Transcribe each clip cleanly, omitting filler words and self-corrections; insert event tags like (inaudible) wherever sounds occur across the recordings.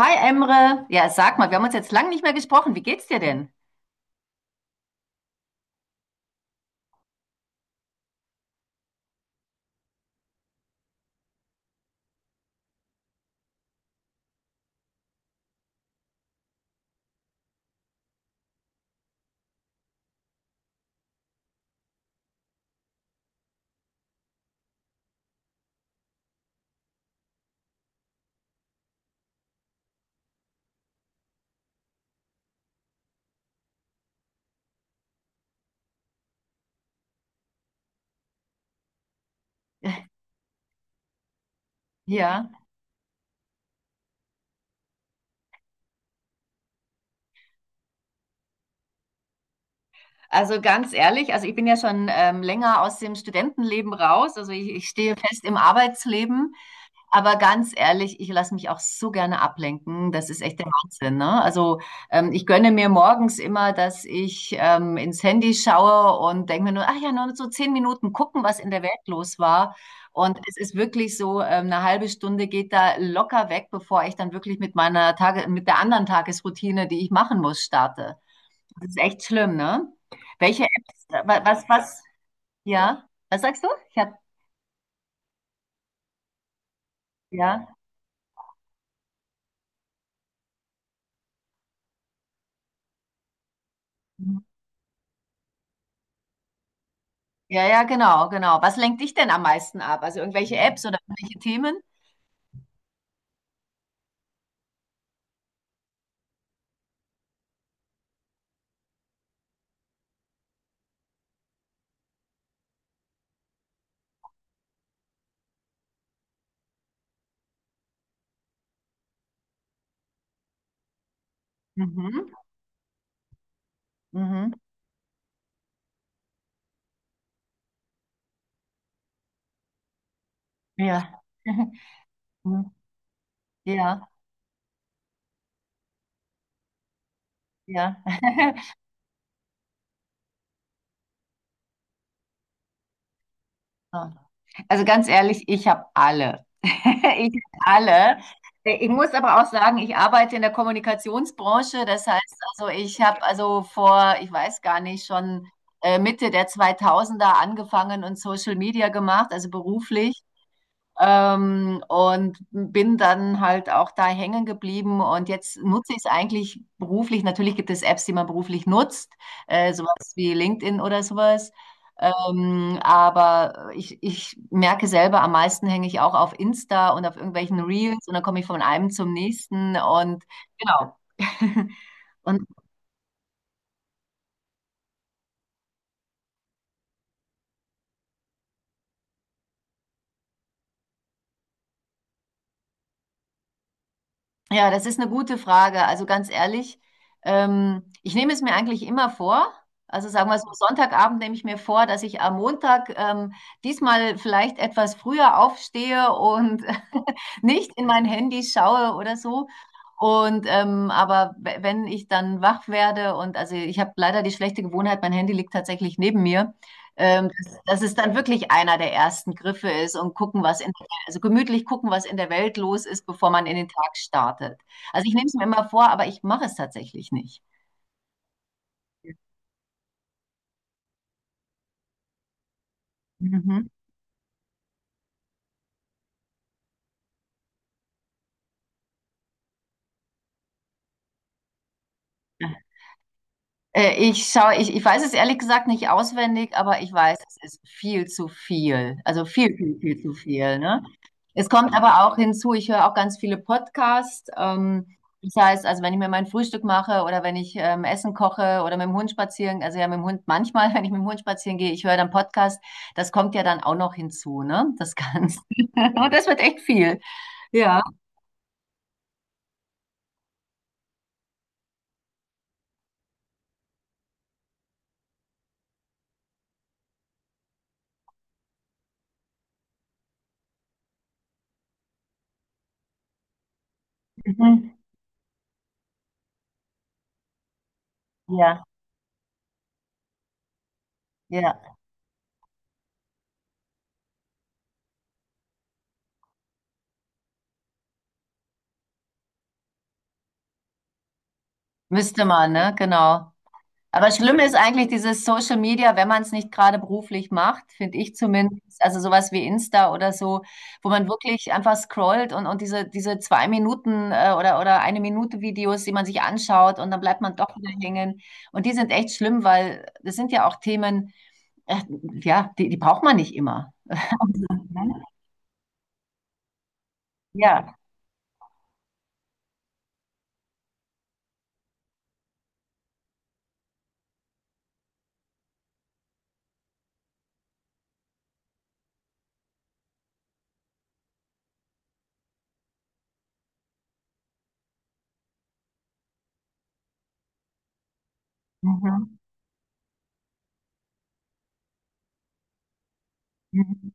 Hi Emre, ja, sag mal, wir haben uns jetzt lang nicht mehr gesprochen. Wie geht's dir denn? Ja, also ganz ehrlich, also ich bin ja schon länger aus dem Studentenleben raus. Also ich stehe fest im Arbeitsleben. Aber ganz ehrlich, ich lasse mich auch so gerne ablenken. Das ist echt der Wahnsinn, ne? Also ich gönne mir morgens immer, dass ich ins Handy schaue und denke mir nur, ach ja, nur so zehn Minuten gucken, was in der Welt los war. Und es ist wirklich so, eine halbe Stunde geht da locker weg, bevor ich dann wirklich mit meiner Tage, mit der anderen Tagesroutine, die ich machen muss, starte. Das ist echt schlimm, ne? Welche Apps, ja, was sagst du? Ich hab, ja. Ja, ja, genau, genau. Was lenkt dich denn am meisten ab? Also irgendwelche Apps oder irgendwelche Themen? Mhm, mhm, ja. (laughs) Mhm, ja, ja. (laughs) Ah. Also ganz ehrlich, ich habe alle. (laughs) Ich habe alle. Ich muss aber auch sagen, ich arbeite in der Kommunikationsbranche. Das heißt, also ich habe also vor, ich weiß gar nicht, schon Mitte der 2000er angefangen und Social Media gemacht, also beruflich. Und bin dann halt auch da hängen geblieben und jetzt nutze ich es eigentlich beruflich. Natürlich gibt es Apps, die man beruflich nutzt, sowas wie LinkedIn oder sowas. Aber ich merke selber, am meisten hänge ich auch auf Insta und auf irgendwelchen Reels und dann komme ich von einem zum nächsten und genau. (laughs) Und ja, das ist eine gute Frage. Also ganz ehrlich, ich nehme es mir eigentlich immer vor. Also sagen wir so, Sonntagabend nehme ich mir vor, dass ich am Montag diesmal vielleicht etwas früher aufstehe und (laughs) nicht in mein Handy schaue oder so. Und aber wenn ich dann wach werde und also ich habe leider die schlechte Gewohnheit, mein Handy liegt tatsächlich neben mir, dass, dass es dann wirklich einer der ersten Griffe ist und gucken, was in, also gemütlich gucken, was in der Welt los ist, bevor man in den Tag startet. Also ich nehme es mir immer vor, aber ich mache es tatsächlich nicht. Mhm. Ich schaue, ich weiß es ehrlich gesagt nicht auswendig, aber ich weiß, es ist viel zu viel. Also viel, viel, viel zu viel, ne? Es kommt aber auch hinzu, ich höre auch ganz viele Podcasts. Das heißt, also wenn ich mir mein Frühstück mache oder wenn ich Essen koche oder mit dem Hund spazieren, also ja mit dem Hund manchmal, (laughs) wenn ich mit dem Hund spazieren gehe, ich höre dann Podcast, das kommt ja dann auch noch hinzu, ne? Das Ganze. (laughs) Und das wird echt viel. Ja. Mhm. Ja, ja. Müsste man, ne? Genau. Aber schlimm ist eigentlich dieses Social Media, wenn man es nicht gerade beruflich macht, finde ich zumindest. Also sowas wie Insta oder so, wo man wirklich einfach scrollt und diese, diese zwei Minuten oder eine Minute Videos, die man sich anschaut und dann bleibt man doch wieder hängen. Und die sind echt schlimm, weil das sind ja auch Themen, äh, ja, die, die braucht man nicht immer. Mhm. Ja. Mhm. Mhm.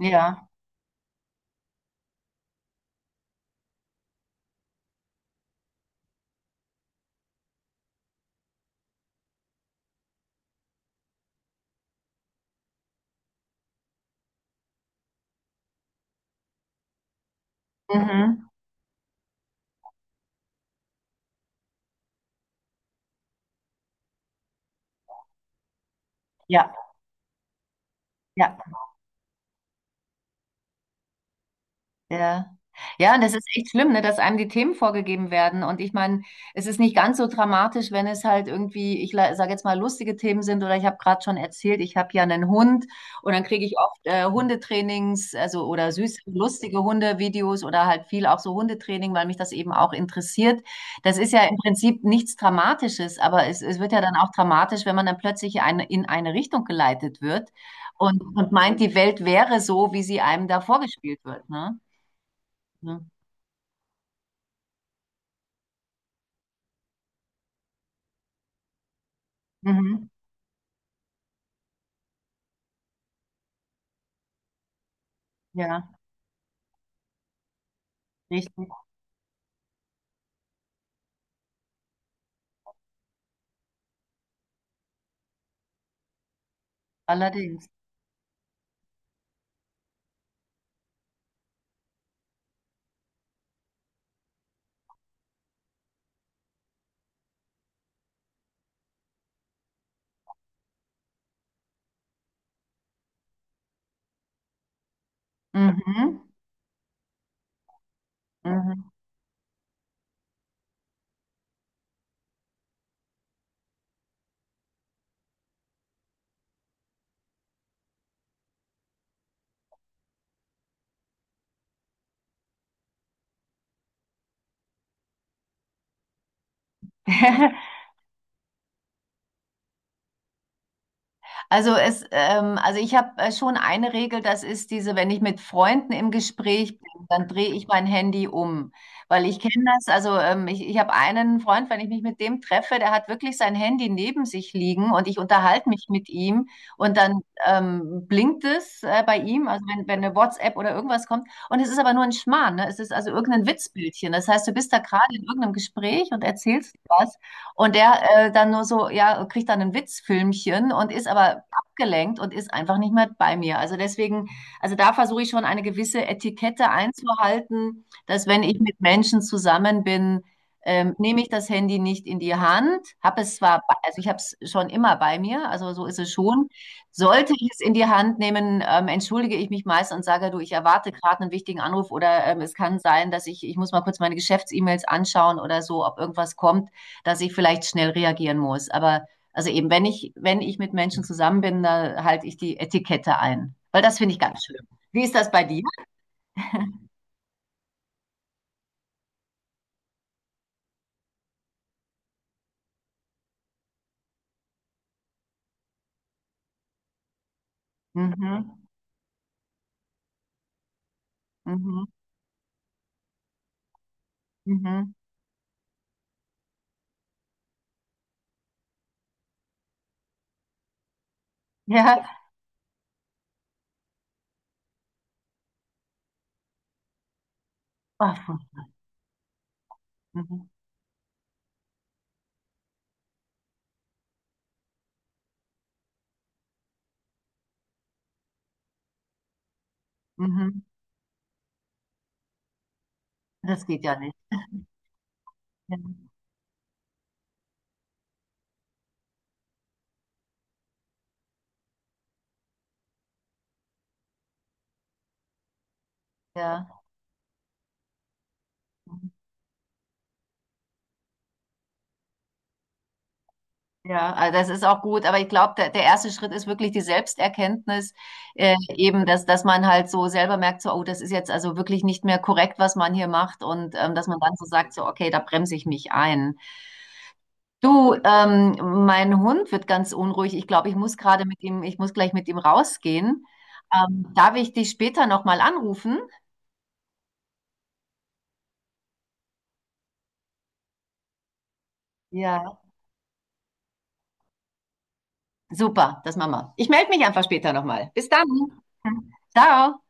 Ja. Mhm. Ja. Ja. Ja. Ja, und das ist echt schlimm, ne, dass einem die Themen vorgegeben werden. Und ich meine, es ist nicht ganz so dramatisch, wenn es halt irgendwie, ich sage jetzt mal, lustige Themen sind. Oder ich habe gerade schon erzählt, ich habe ja einen Hund und dann kriege ich oft Hundetrainings, also oder süße, lustige Hundevideos oder halt viel auch so Hundetraining, weil mich das eben auch interessiert. Das ist ja im Prinzip nichts Dramatisches, aber es wird ja dann auch dramatisch, wenn man dann plötzlich eine, in eine Richtung geleitet wird und meint, die Welt wäre so, wie sie einem da vorgespielt wird, ne? Mhm. Mhm. Ja, richtig. Allerdings. Mhm. Mhm. (laughs) Also es, also ich habe schon eine Regel, das ist diese, wenn ich mit Freunden im Gespräch bin, dann drehe ich mein Handy um. Weil ich kenne das, also ich habe einen Freund, wenn ich mich mit dem treffe, der hat wirklich sein Handy neben sich liegen und ich unterhalte mich mit ihm und dann blinkt es bei ihm, also wenn, wenn eine WhatsApp oder irgendwas kommt. Und es ist aber nur ein Schmarrn, ne? Es ist also irgendein Witzbildchen. Das heißt, du bist da gerade in irgendeinem Gespräch und erzählst was. Und der dann nur so, ja, kriegt dann ein Witzfilmchen und ist aber abgelenkt und ist einfach nicht mehr bei mir. Also deswegen, also da versuche ich schon eine gewisse Etikette einzuhalten, dass wenn ich mit Menschen zusammen bin, nehme ich das Handy nicht in die Hand, habe es zwar, also ich habe es schon immer bei mir, also so ist es schon. Sollte ich es in die Hand nehmen, entschuldige ich mich meist und sage, du, ich erwarte gerade einen wichtigen Anruf oder es kann sein, dass ich muss mal kurz meine Geschäfts-E-Mails anschauen oder so, ob irgendwas kommt, dass ich vielleicht schnell reagieren muss. Aber also eben, wenn ich, wenn ich mit Menschen zusammen bin, da halte ich die Etikette ein. Weil das finde ich ganz schlimm. Wie ist das bei dir? Mhm, mhm, mhm. Ja, ah, mhm, mhm. Das geht ja nicht. Ja, ja, mhm, ja. Also das ist auch gut, aber ich glaube, der, der erste Schritt ist wirklich die Selbsterkenntnis, eben, dass, dass man halt so selber merkt, so, oh, das ist jetzt also wirklich nicht mehr korrekt, was man hier macht und dass man dann so sagt, so, okay, da bremse ich mich ein. Du, mein Hund wird ganz unruhig. Ich glaube, ich muss gerade mit ihm, ich muss gleich mit ihm rausgehen. Darf ich dich später nochmal anrufen? Ja. Super, das machen wir. Ich melde mich einfach später nochmal. Bis dann. Ciao.